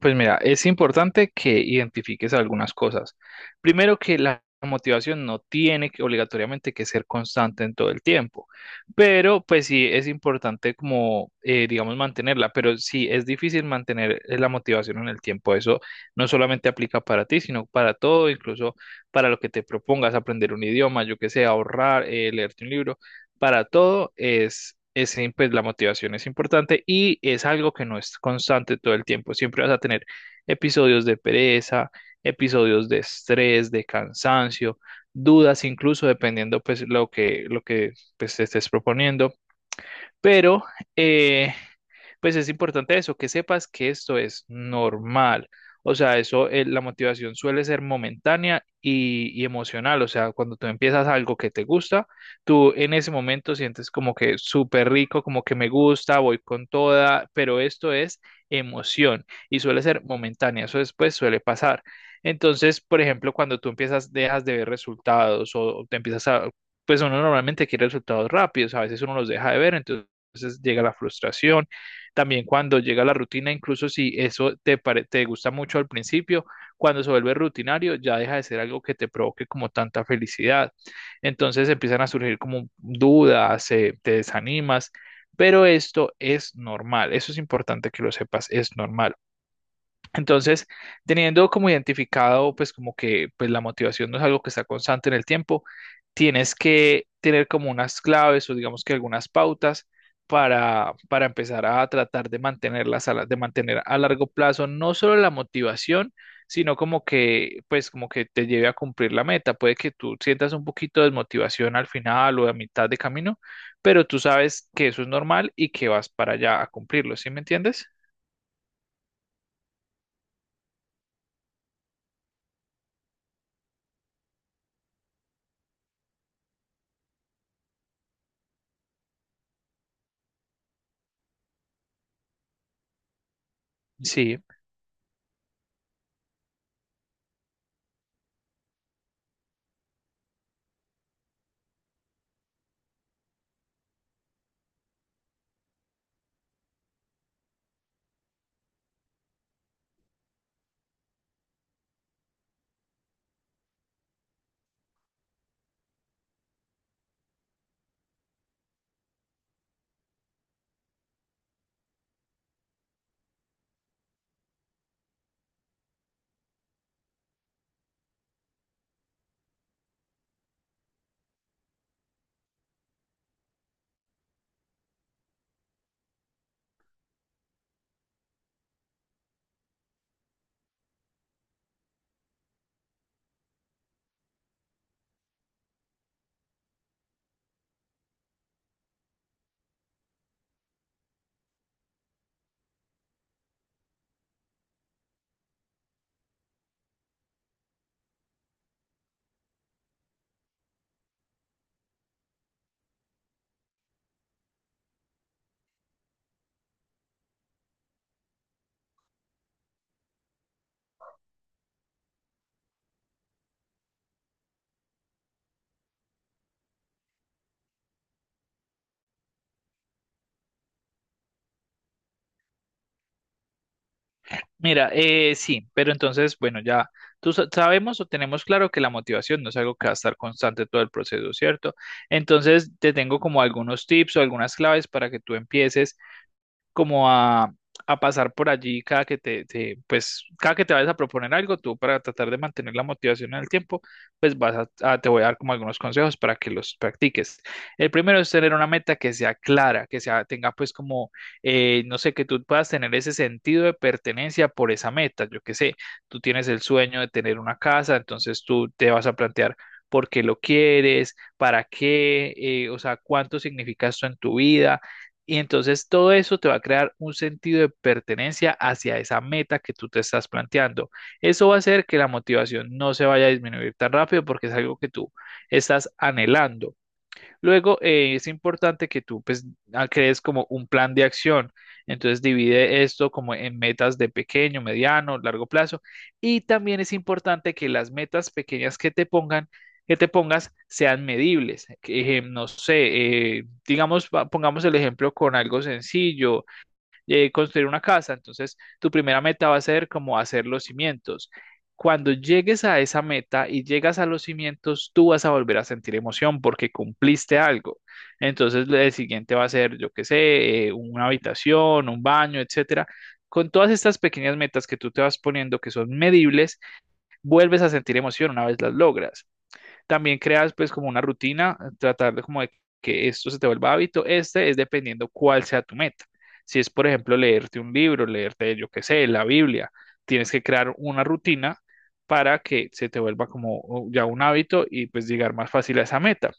Pues mira, es importante que identifiques algunas cosas. Primero que la motivación no tiene que obligatoriamente que ser constante en todo el tiempo, pero pues sí es importante como, digamos, mantenerla, pero sí es difícil mantener la motivación en el tiempo. Eso no solamente aplica para ti, sino para todo, incluso para lo que te propongas, aprender un idioma, yo que sé, ahorrar, leerte un libro para todo pues la motivación es importante y es algo que no es constante todo el tiempo. Siempre vas a tener episodios de pereza, episodios de estrés, de cansancio, dudas, incluso dependiendo pues lo que pues, te estés proponiendo. Pero eh, pues es importante eso, que sepas que esto es normal. O sea, eso, la motivación suele ser momentánea y emocional. O sea, cuando tú empiezas algo que te gusta, tú en ese momento sientes como que súper rico, como que me gusta, voy con toda, pero esto es emoción y suele ser momentánea. Eso después suele pasar. Entonces, por ejemplo, cuando tú empiezas, dejas de ver resultados o te empiezas a, pues uno normalmente quiere resultados rápidos, a veces uno los deja de ver, entonces llega la frustración también cuando llega la rutina, incluso si eso te, te gusta mucho al principio, cuando se vuelve rutinario, ya deja de ser algo que te provoque como tanta felicidad. Entonces empiezan a surgir como dudas, te desanimas, pero esto es normal, eso es importante que lo sepas, es normal. Entonces, teniendo como identificado, pues como que pues, la motivación no es algo que está constante en el tiempo, tienes que tener como unas claves o digamos que algunas pautas para empezar a tratar de mantenerlas a de mantener a largo plazo no solo la motivación, sino como que pues como que te lleve a cumplir la meta. Puede que tú sientas un poquito de desmotivación al final o a mitad de camino, pero tú sabes que eso es normal y que vas para allá a cumplirlo, ¿sí me entiendes? Sí. Mira, sí, pero entonces, bueno, ya sabemos o tenemos claro que la motivación no es algo que va a estar constante todo el proceso, ¿cierto? Entonces, te tengo como algunos tips o algunas claves para que tú empieces como a pasar por allí cada que pues, cada que te vayas a proponer algo, tú para tratar de mantener la motivación en el tiempo, pues vas a, te voy a dar como algunos consejos para que los practiques. El primero es tener una meta que sea clara, que sea, tenga pues como, no sé, que tú puedas tener ese sentido de pertenencia por esa meta. Yo qué sé, tú tienes el sueño de tener una casa, entonces tú te vas a plantear por qué lo quieres, para qué, o sea, cuánto significa esto en tu vida y entonces todo eso te va a crear un sentido de pertenencia hacia esa meta que tú te estás planteando. Eso va a hacer que la motivación no se vaya a disminuir tan rápido porque es algo que tú estás anhelando. Luego, es importante que tú pues, ah, crees como un plan de acción. Entonces, divide esto como en metas de pequeño, mediano, largo plazo. Y también es importante que las metas pequeñas que te pongas sean medibles. Que, no sé, digamos, pongamos el ejemplo con algo sencillo construir una casa. Entonces, tu primera meta va a ser como hacer los cimientos. Cuando llegues a esa meta y llegas a los cimientos, tú vas a volver a sentir emoción porque cumpliste algo. Entonces, el siguiente va a ser, yo qué sé, una habitación, un baño, etcétera. Con todas estas pequeñas metas que tú te vas poniendo, que son medibles, vuelves a sentir emoción una vez las logras. También creas pues como una rutina, tratar de que esto se te vuelva hábito. Este es dependiendo cuál sea tu meta. Si es, por ejemplo, leerte un libro, leerte, yo qué sé, la Biblia, tienes que crear una rutina para que se te vuelva como ya un hábito y pues llegar más fácil a esa meta.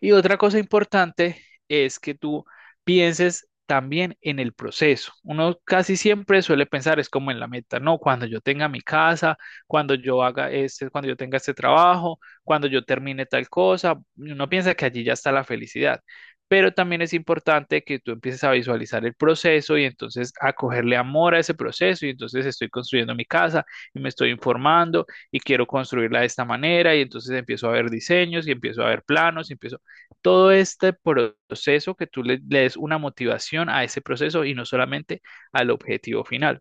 Y otra cosa importante es que tú pienses también en el proceso. Uno casi siempre suele pensar es como en la meta, ¿no? Cuando yo tenga mi casa, cuando yo haga este, cuando yo tenga este trabajo, cuando yo termine tal cosa, uno piensa que allí ya está la felicidad. Pero también es importante que tú empieces a visualizar el proceso y entonces a cogerle amor a ese proceso y entonces estoy construyendo mi casa y me estoy informando y quiero construirla de esta manera y entonces empiezo a ver diseños y empiezo a ver planos y empiezo todo este proceso que tú le, le des una motivación a ese proceso y no solamente al objetivo final.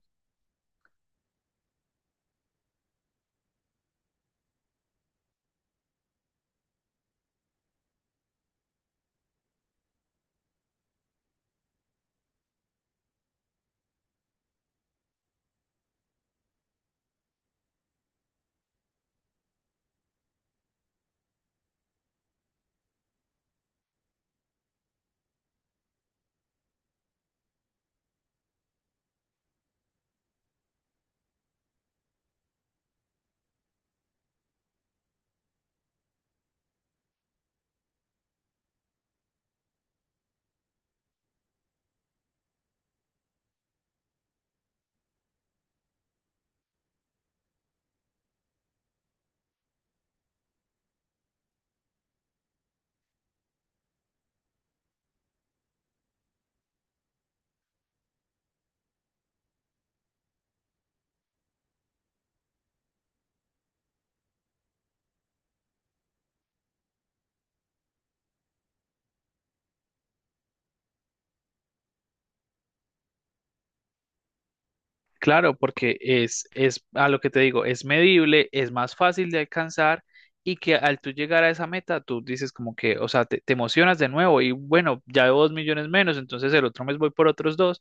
Claro, porque es a lo que te digo, es medible, es más fácil de alcanzar y que al tú llegar a esa meta, tú dices como que, o sea, te emocionas de nuevo y bueno, ya debo 2 millones menos, entonces el otro mes voy por otros dos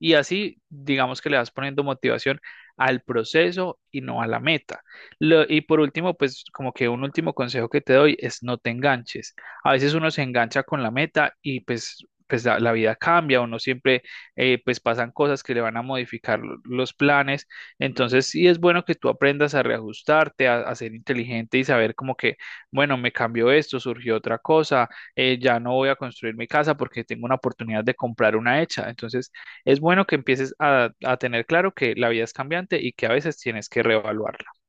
y así digamos que le vas poniendo motivación al proceso y no a la meta. Y por último, pues como que un último consejo que te doy es no te enganches. A veces uno se engancha con la meta y pues, pues la vida cambia, uno siempre pues pasan cosas que le van a modificar los planes. Entonces, sí es bueno que tú aprendas a reajustarte, a ser inteligente y saber como que, bueno, me cambió esto, surgió otra cosa, ya no voy a construir mi casa porque tengo una oportunidad de comprar una hecha. Entonces, es bueno que empieces a tener claro que la vida es cambiante y que a veces tienes que reevaluarla.